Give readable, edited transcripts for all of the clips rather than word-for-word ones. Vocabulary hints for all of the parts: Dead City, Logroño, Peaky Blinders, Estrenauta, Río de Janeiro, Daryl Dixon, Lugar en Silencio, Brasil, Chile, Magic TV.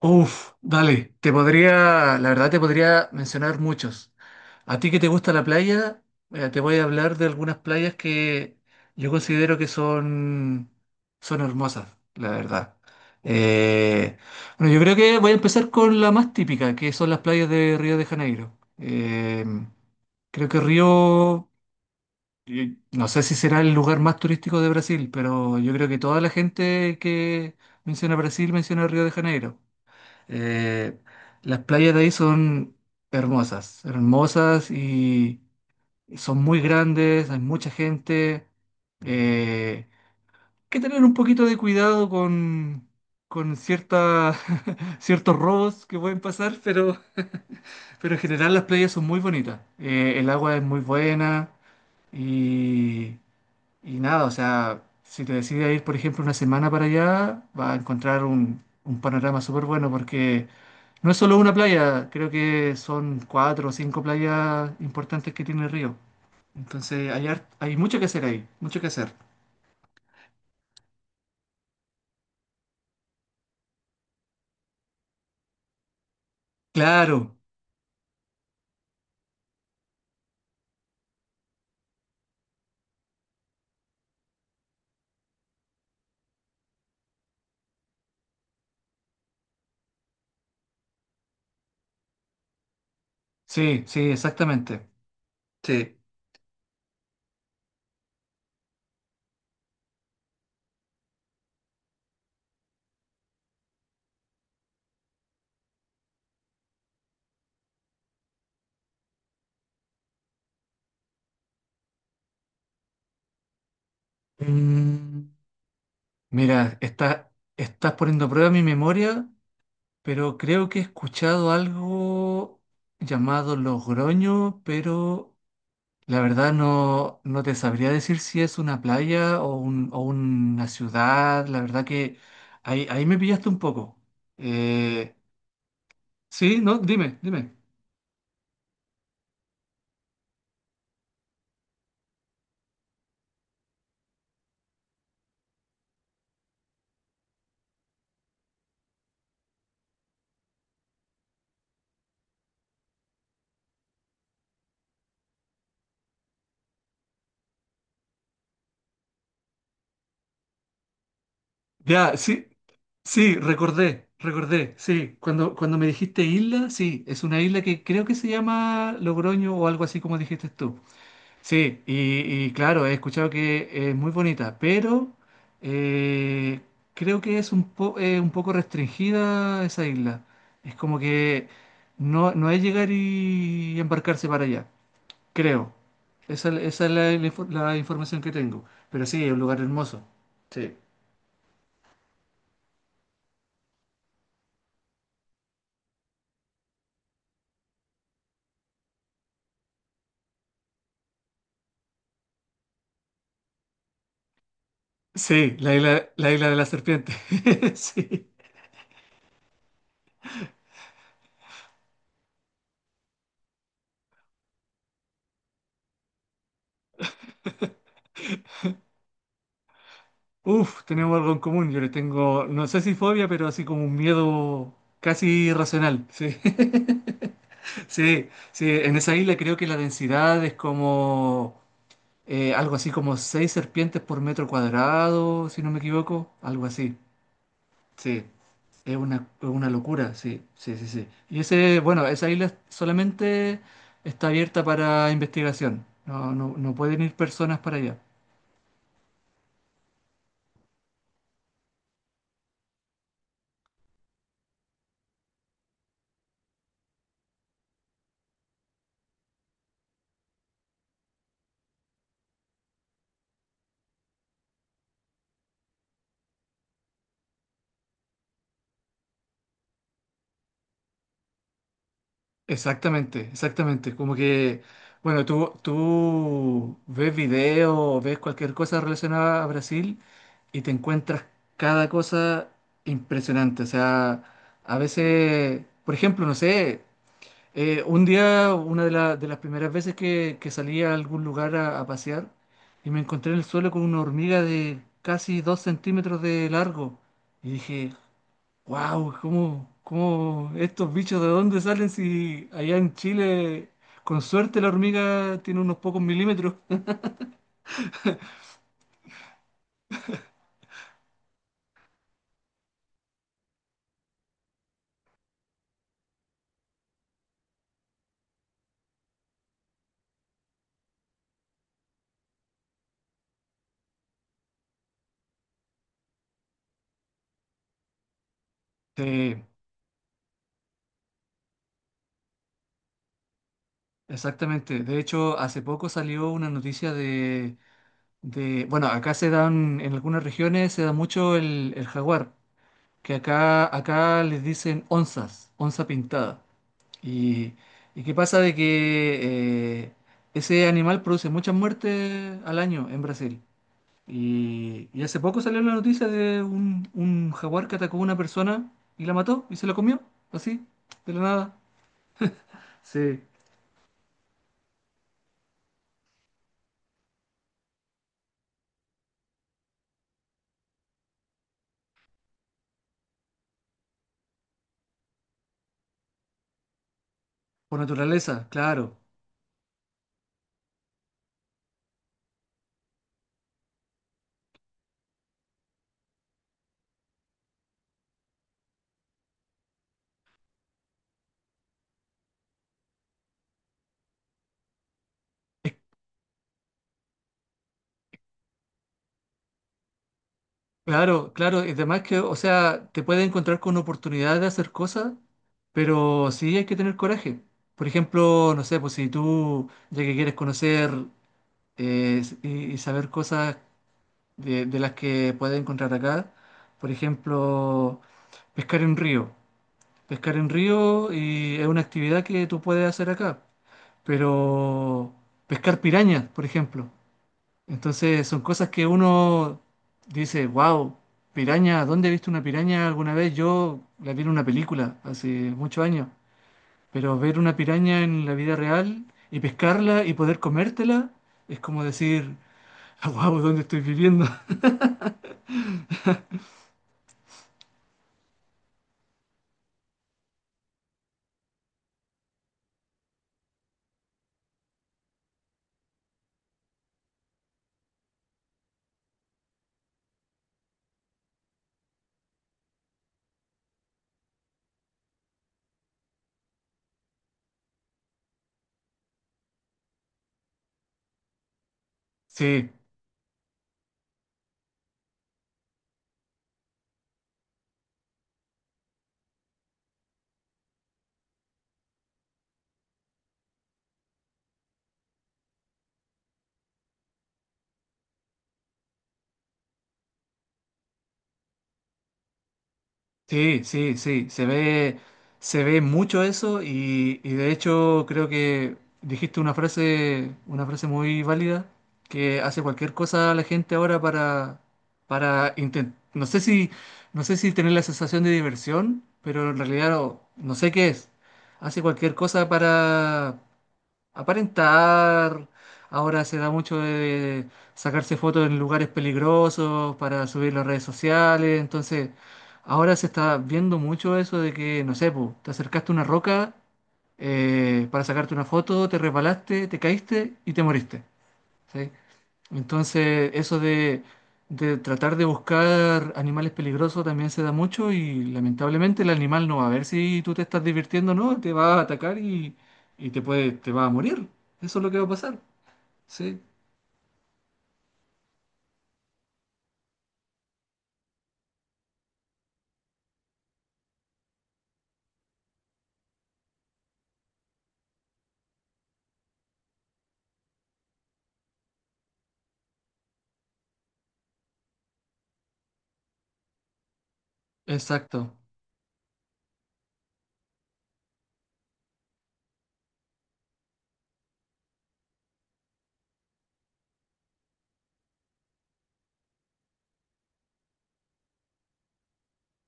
Uf, dale, la verdad te podría mencionar muchos. A ti que te gusta la playa, te voy a hablar de algunas playas que yo considero que son hermosas, la verdad. Eh, bueno, yo creo que voy a empezar con la más típica, que son las playas de Río de Janeiro. Creo que Río, no sé si será el lugar más turístico de Brasil, pero yo creo que toda la gente que menciona Brasil menciona Río de Janeiro. Eh, las playas de ahí son hermosas, hermosas, y son muy grandes, hay mucha gente. Hay que tener un poquito de cuidado con ciertas, ciertos robos que pueden pasar, pero en general las playas son muy bonitas. El agua es muy buena y, y nada, o sea, si te decides ir, por ejemplo, una semana para allá, vas a encontrar un panorama súper bueno porque no es solo una playa, creo que son cuatro o cinco playas importantes que tiene el río. Entonces hay mucho que hacer ahí, mucho que hacer. Claro, sí, sí, exactamente. Sí. Mm, Mira, estás poniendo a prueba mi memoria, pero creo que he escuchado algo llamado Logroño, pero la verdad no, no te sabría decir si es una playa o una ciudad. La verdad que ahí me pillaste un poco. Eh, sí, no, dime, dime. Ya, sí, sí, recordé, recordé, sí. Cuando me dijiste isla, sí, es una isla que creo que se llama Logroño o algo así como dijiste tú. Sí, y claro, he escuchado que es muy bonita, pero eh, creo que es un poco restringida esa isla. Es como que no, no es llegar y embarcarse para allá, creo. Esa es la, la información que tengo. Pero sí, es un lugar hermoso. Sí. Sí, la isla de la serpiente. Sí. Uf, tenemos algo en común. Yo le tengo, no sé si fobia, pero así como un miedo casi irracional. Sí. Sí, sí, en esa isla creo que la densidad es como algo así como 6 serpientes por metro cuadrado, si no me equivoco, algo así. Sí, es una locura, sí, sí, sí, sí. Y ese, bueno, esa isla solamente está abierta para investigación, no, no, no pueden ir personas para allá. Exactamente, exactamente. Como que, bueno, tú ves video, ves cualquier cosa relacionada a Brasil y te encuentras cada cosa impresionante. O sea, a veces, por ejemplo, no sé, un día, de las primeras veces que salí a algún lugar a pasear y me encontré en el suelo con una hormiga de casi 2 centímetros de largo. Y dije, wow, ¿cómo estos bichos de dónde salen si allá en Chile, con suerte, la hormiga tiene unos pocos milímetros? Sí, exactamente. De hecho, hace poco salió una noticia bueno, acá se dan, en algunas regiones se da mucho el jaguar, que acá les dicen onzas, onza pintada. Y, y qué pasa de que ese animal produce muchas muertes al año en Brasil. Y hace poco salió la noticia de un jaguar que atacó a una persona y la mató y se la comió, así, de la nada. Sí, por naturaleza, claro. Es- claro, claro. Y además que, o sea, te puedes encontrar con oportunidades de hacer cosas, pero sí hay que tener coraje. Por ejemplo, no sé, pues si tú, ya que quieres conocer y saber cosas de las que puedes encontrar acá, por ejemplo, pescar en un río. Pescar en río y es una actividad que tú puedes hacer acá, pero pescar pirañas, por ejemplo. Entonces son cosas que uno dice, wow, piraña, ¿dónde he visto una piraña alguna vez? Yo la vi en una película hace muchos años, pero ver una piraña en la vida real y pescarla y poder comértela es como decir, wow, ¿dónde estoy viviendo? Sí. Sí, sí, sí, se ve mucho eso y de hecho creo que dijiste una frase muy válida que hace cualquier cosa la gente ahora para intentar, no sé si tener la sensación de diversión, pero en realidad no, no sé qué es, hace cualquier cosa para aparentar. Ahora se da mucho de sacarse fotos en lugares peligrosos para subir las redes sociales. Entonces, ahora se está viendo mucho eso de que, no sé, po, te acercaste a una roca para sacarte una foto, te resbalaste, te caíste y te moriste. ¿Sí? Entonces, eso de tratar de buscar animales peligrosos también se da mucho y lamentablemente el animal no va a ver si tú te estás divirtiendo o no, te va a atacar y te puede, te va a morir. Eso es lo que va a pasar. Sí, exacto,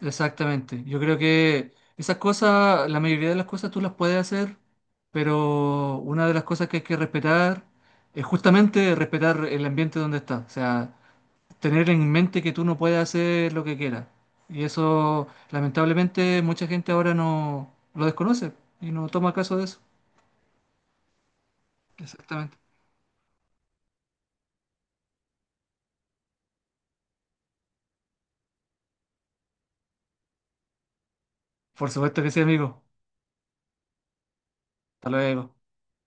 exactamente. Yo creo que esas cosas, la mayoría de las cosas tú las puedes hacer, pero una de las cosas que hay que respetar es justamente respetar el ambiente donde estás. O sea, tener en mente que tú no puedes hacer lo que quieras. Y eso, lamentablemente, mucha gente ahora no lo desconoce y no toma caso de eso. Exactamente. Por supuesto que sí, amigo. Hasta luego.